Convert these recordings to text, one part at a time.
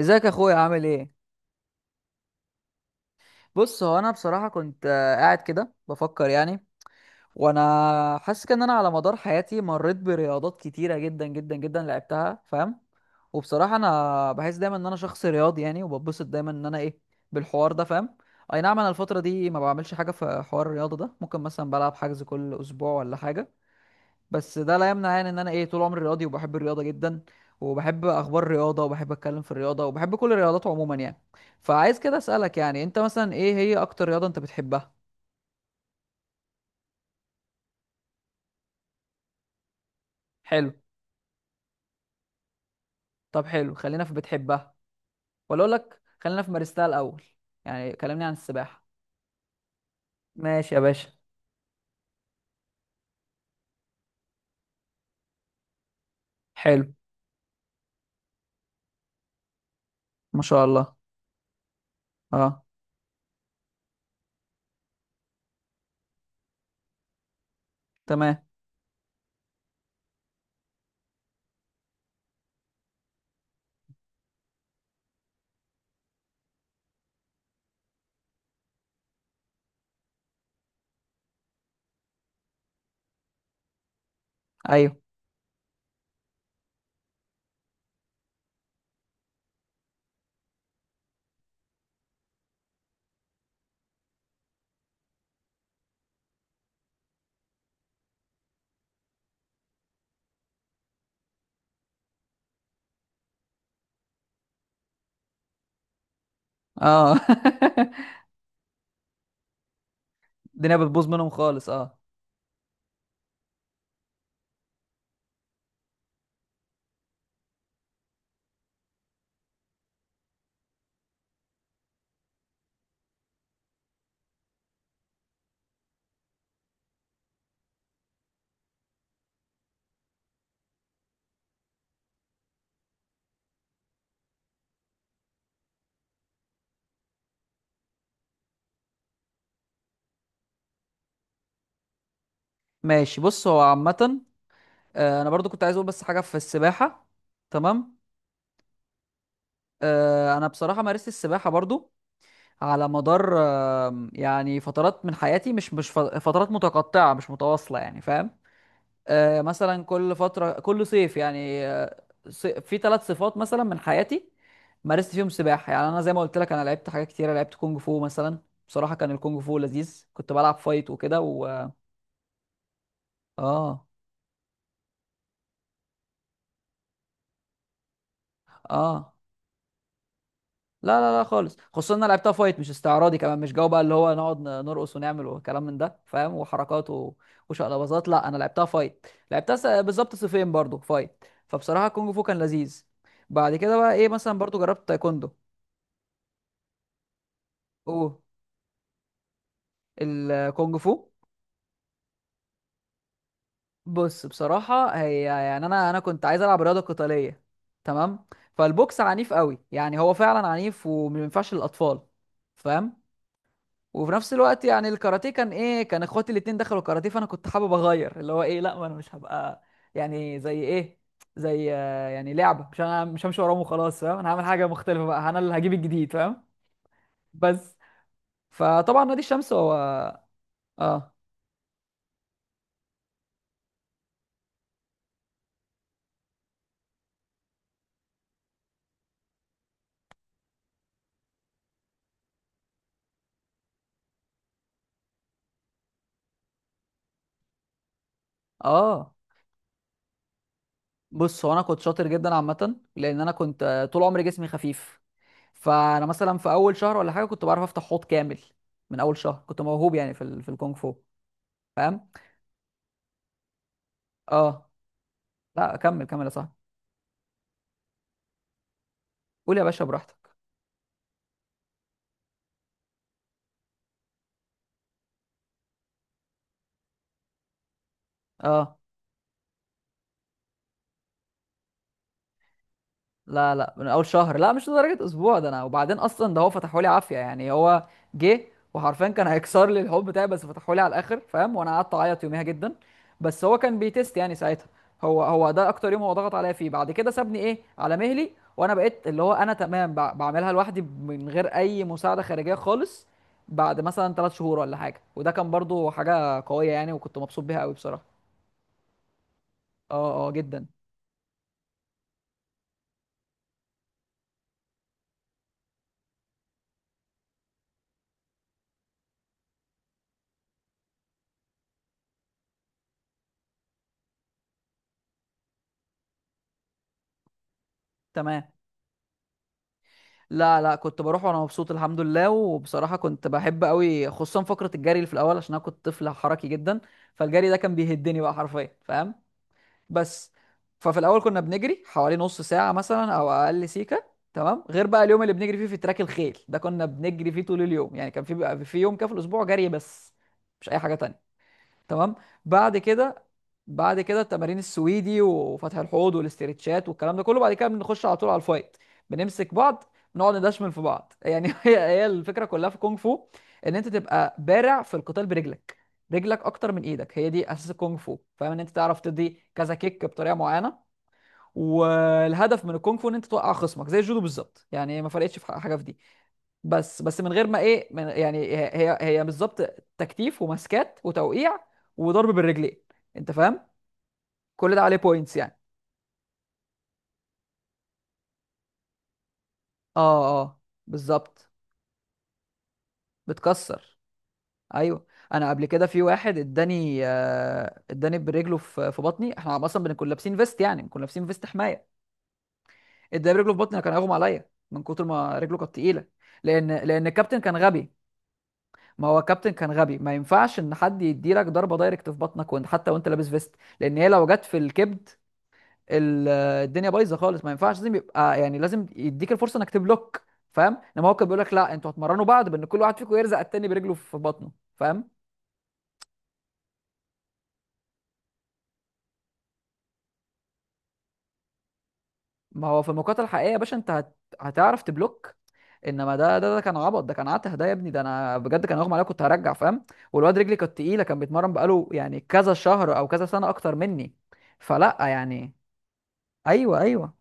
ازيك يا اخويا؟ عامل ايه؟ بص، هو انا بصراحه كنت قاعد كده بفكر يعني. وانا حاسس كده ان انا على مدار حياتي مريت برياضات كتيره جدا جدا جدا لعبتها، فاهم؟ وبصراحه انا بحس دايما ان انا شخص رياضي يعني، وببسط دايما ان انا ايه، بالحوار ده، فاهم؟ اي نعم، انا الفتره دي ما بعملش حاجه في حوار الرياضه ده، ممكن مثلا بلعب حجز كل اسبوع ولا حاجه، بس ده لا يمنع يعني ان انا ايه، طول عمري رياضي وبحب الرياضه جدا، وبحب اخبار الرياضه وبحب اتكلم في الرياضه وبحب كل الرياضات عموما يعني. فعايز كده اسالك يعني، انت مثلا ايه هي اكتر رياضه انت بتحبها؟ حلو. طب حلو، خلينا في بتحبها ولا اقول لك خلينا في مارستها الاول؟ يعني كلمني عن السباحه. ماشي يا باشا. حلو. ما شاء الله. اه. تمام. ايوه. اه. الدنيا بتبوظ منهم خالص، اه. ماشي، بص هو عامه انا برضو كنت عايز اقول بس حاجه في السباحه. تمام. انا بصراحه مارست السباحه برضو على مدار يعني فترات من حياتي، مش فترات متقطعه مش متواصله يعني، فاهم؟ مثلا كل فتره كل صيف يعني، في ثلاث صفات مثلا من حياتي مارست فيهم سباحه. يعني انا زي ما قلت لك، انا لعبت حاجات كتيره، لعبت كونج فو مثلا. بصراحه كان الكونج فو لذيذ، كنت بلعب فايت وكده. و اه اه لا لا لا خالص، خصوصا ان انا لعبتها فايت مش استعراضي، كمان مش جو بقى اللي هو نقعد نرقص ونعمل وكلام من ده، فاهم؟ وحركات وشقلباظات. لا انا لعبتها فايت، لعبتها بالظبط صفين برضو فايت. فبصراحه كونج فو كان لذيذ. بعد كده بقى ايه، مثلا برضو جربت تايكوندو. اوه، الكونج فو. بص بصراحه هي يعني انا كنت عايز العب رياضه قتاليه. تمام. فالبوكس عنيف قوي يعني، هو فعلا عنيف وما ينفعش للاطفال، فاهم؟ وفي نفس الوقت يعني الكاراتيه كان ايه، كان اخواتي الاتنين دخلوا كاراتيه، فانا كنت حابب اغير اللي هو ايه، لا ما انا مش هبقى يعني زي ايه، زي يعني لعبه، مش انا مش همشي وراهم وخلاص، فاهم؟ انا هعمل حاجه مختلفه بقى، انا اللي هجيب الجديد، فاهم؟ بس. فطبعا نادي الشمس هو اه اه. بص هو انا كنت شاطر جدا عامه، لان انا كنت طول عمري جسمي خفيف. فانا مثلا في اول شهر ولا حاجه كنت بعرف افتح حوض كامل. من اول شهر كنت موهوب يعني في في الكونغ فو، فاهم؟ اه. لا كمل كمل يا صاحبي. قول يا باشا براحتك. اه لا لا، من اول شهر، لا مش لدرجه اسبوع. ده انا وبعدين اصلا، ده هو فتحوا لي عافيه يعني. هو جه وحرفيا كان هيكسر لي الحب بتاعي، بس فتحوا لي على الاخر، فاهم؟ وانا قعدت اعيط يوميها جدا، بس هو كان بيتست يعني ساعتها. هو ده اكتر يوم هو ضغط عليا فيه، بعد كده سابني ايه على مهلي، وانا بقيت اللي هو انا تمام بعملها لوحدي من غير اي مساعده خارجيه خالص، بعد مثلا ثلاث شهور ولا حاجه. وده كان برضو حاجه قويه يعني، وكنت مبسوط بيها قوي بصراحه. اه اه جدا. تمام. لا لا، كنت بروح وانا مبسوط الحمد لله. وبصراحه كنت بحب قوي خصوصا فقره الجري اللي في الاول، عشان انا كنت طفل حركي جدا. فالجري ده كان بيهدني بقى حرفيا، فاهم؟ بس. ففي الاول كنا بنجري حوالي نص ساعه مثلا او اقل سيكه. تمام. غير بقى اليوم اللي بنجري فيه في تراك الخيل ده، كنا بنجري فيه طول اليوم. يعني كان في بقى في يوم كده في الاسبوع جري بس، مش اي حاجه تانية. تمام. بعد كده، بعد كده التمارين السويدي وفتح الحوض والاسترتشات والكلام ده كله، بعد كده بنخش على طول على الفايت. بنمسك بعض، نقعد ندشمل في بعض. يعني هي الفكره كلها في الكونغ فو، ان انت تبقى بارع في القتال برجلك. رجلك اكتر من ايدك، هي دي اساس الكونغ فو، فاهم؟ ان انت تعرف تدي كذا كيك بطريقه معينه. والهدف من الكونغ فو ان انت توقع خصمك زي الجودو بالظبط، يعني ما فرقتش في حاجه في دي. بس من غير ما ايه، من يعني هي بالظبط تكتيف ومسكات وتوقيع وضرب بالرجلين، انت فاهم؟ كل ده عليه بوينتس يعني. اه اه، بالظبط. بتكسر، ايوه. انا قبل كده في واحد اداني آه اداني برجله في بطني. احنا اصلا بنكون لابسين فيست، يعني بنكون لابسين فيست حمايه. اداني برجله في بطني، أنا كان هيغمى عليا من كتر ما رجله كانت تقيله. لان الكابتن كان غبي. ما هو الكابتن كان غبي، ما ينفعش ان حد يديلك ضربه دايركت في بطنك وانت، حتى وانت لابس فيست، لان هي لو جت في الكبد ال- الدنيا بايظه خالص. ما ينفعش، لازم يبقى يعني لازم يديك الفرصه انك تبلوك، فاهم. انما هو كان بيقول لك لا انتوا هتمرنوا بعض، بان كل واحد فيكم يرزق التاني برجله في بطنه، فاهم؟ ما هو في المقاطعه الحقيقيه يا باشا، انت هت... هتعرف تبلوك. انما ده كان عبط، ده كان عته ده يا ابني. ده انا بجد كان اغمى عليا، كنت هرجع، فاهم؟ والواد رجلي كانت تقيله، كان بيتمرن بقاله يعني كذا شهر او كذا سنه اكتر مني، فلا يعني. ايوه ايوه.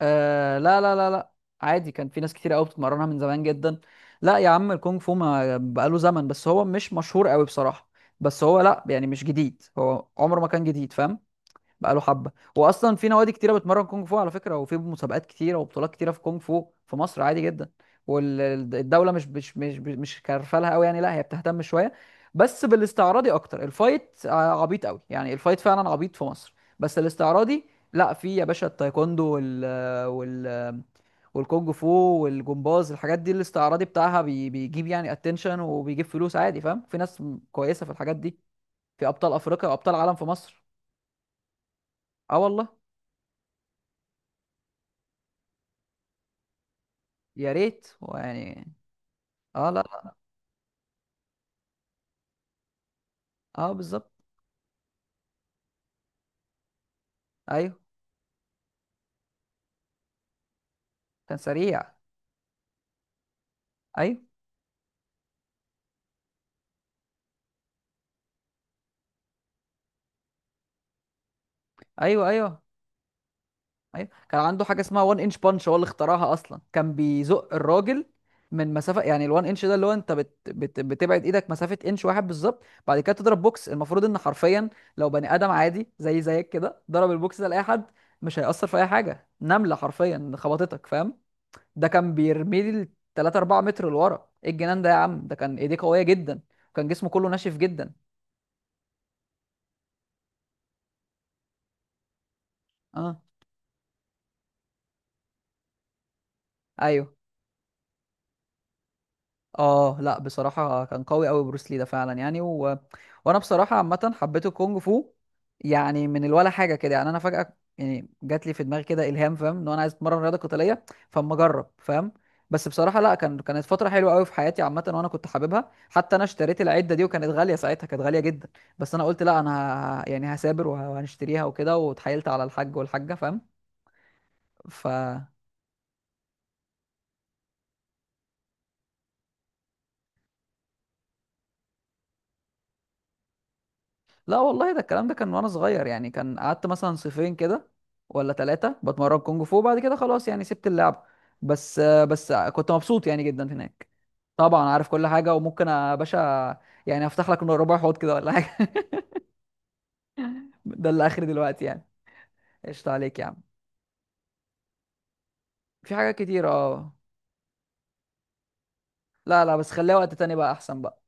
آه لا لا لا لا. عادي، كان في ناس كتير قوي بتتمرنها من زمان جدا. لا يا عم الكونغ فو ما بقاله زمن، بس هو مش مشهور قوي بصراحة. بس هو لا يعني مش جديد، هو عمره ما كان جديد، فاهم؟ بقاله حبه. واصلا في نوادي كتيره بتمرن كونج فو على فكره، وفي مسابقات كتيره وبطولات كتيره في كونج فو في مصر، عادي جدا. والدوله مش كارفالها قوي يعني، لا هي بتهتم شويه، بس بالاستعراضي اكتر. الفايت عبيط قوي يعني، الفايت فعلا عبيط في مصر، بس الاستعراضي لا في يا باشا، التايكوندو وال وال والكونج فو والجمباز، الحاجات دي الاستعراضي بتاعها بيجيب يعني اتنشن وبيجيب فلوس عادي، فاهم؟ في ناس كويسه في الحاجات دي. في ابطال افريقيا وابطال عالم في مصر. اه والله. يا ريت هو يعني. اه لا لا، اه بالظبط. ايوه كان سريع. ايوه ايوه. ايوه ايوه كان عنده حاجه اسمها 1 انش بانش، هو اللي اخترعها اصلا. كان بيزق الراجل من مسافه يعني. ال1 انش ده اللي هو انت بت... بت... بتبعد ايدك مسافه انش واحد بالظبط، بعد كده تضرب بوكس. المفروض ان حرفيا لو بني ادم عادي زي زيك كده ضرب البوكس ده لاي حد، مش هيأثر في اي حاجه، نمله حرفيا خبطتك، فاهم؟ ده كان بيرمي لي 3 4 متر لورا. ايه الجنان ده يا عم، ده كان ايديه قويه جدا، وكان جسمه كله ناشف جدا. اه ايوه اه. لا بصراحه كان قوي قوي بروس لي ده فعلا يعني. و... وانا بصراحه عامه حبيت الكونج فو يعني من الولا حاجه كده. يعني انا فجاه يعني جات لي في دماغي كده الهام، فاهم؟ ان انا عايز اتمرن رياضه قتاليه، فاما اجرب، فاهم؟ بس بصراحه لا، كانت فتره حلوه قوي في حياتي عامه، وانا كنت حاببها حتى. انا اشتريت العده دي وكانت غاليه ساعتها، كانت غاليه جدا، بس انا قلت لا انا ه... يعني هسابر وهنشتريها وكده، واتحايلت على الحاج والحاجه، فاهم؟ ف لا والله ده الكلام ده كان وانا صغير يعني. كان قعدت مثلا صيفين كده ولا ثلاثة بتمرن كونج فو، بعد كده خلاص يعني سبت اللعب، بس بس كنت مبسوط يعني جدا هناك. طبعا عارف كل حاجة، وممكن يا باشا يعني افتح لك ربع حوض كده ولا حاجة. ده اللي اخري دلوقتي يعني. قشطة عليك يا عم. في حاجات كتير اه. لا لا بس خليها وقت تاني بقى احسن بقى.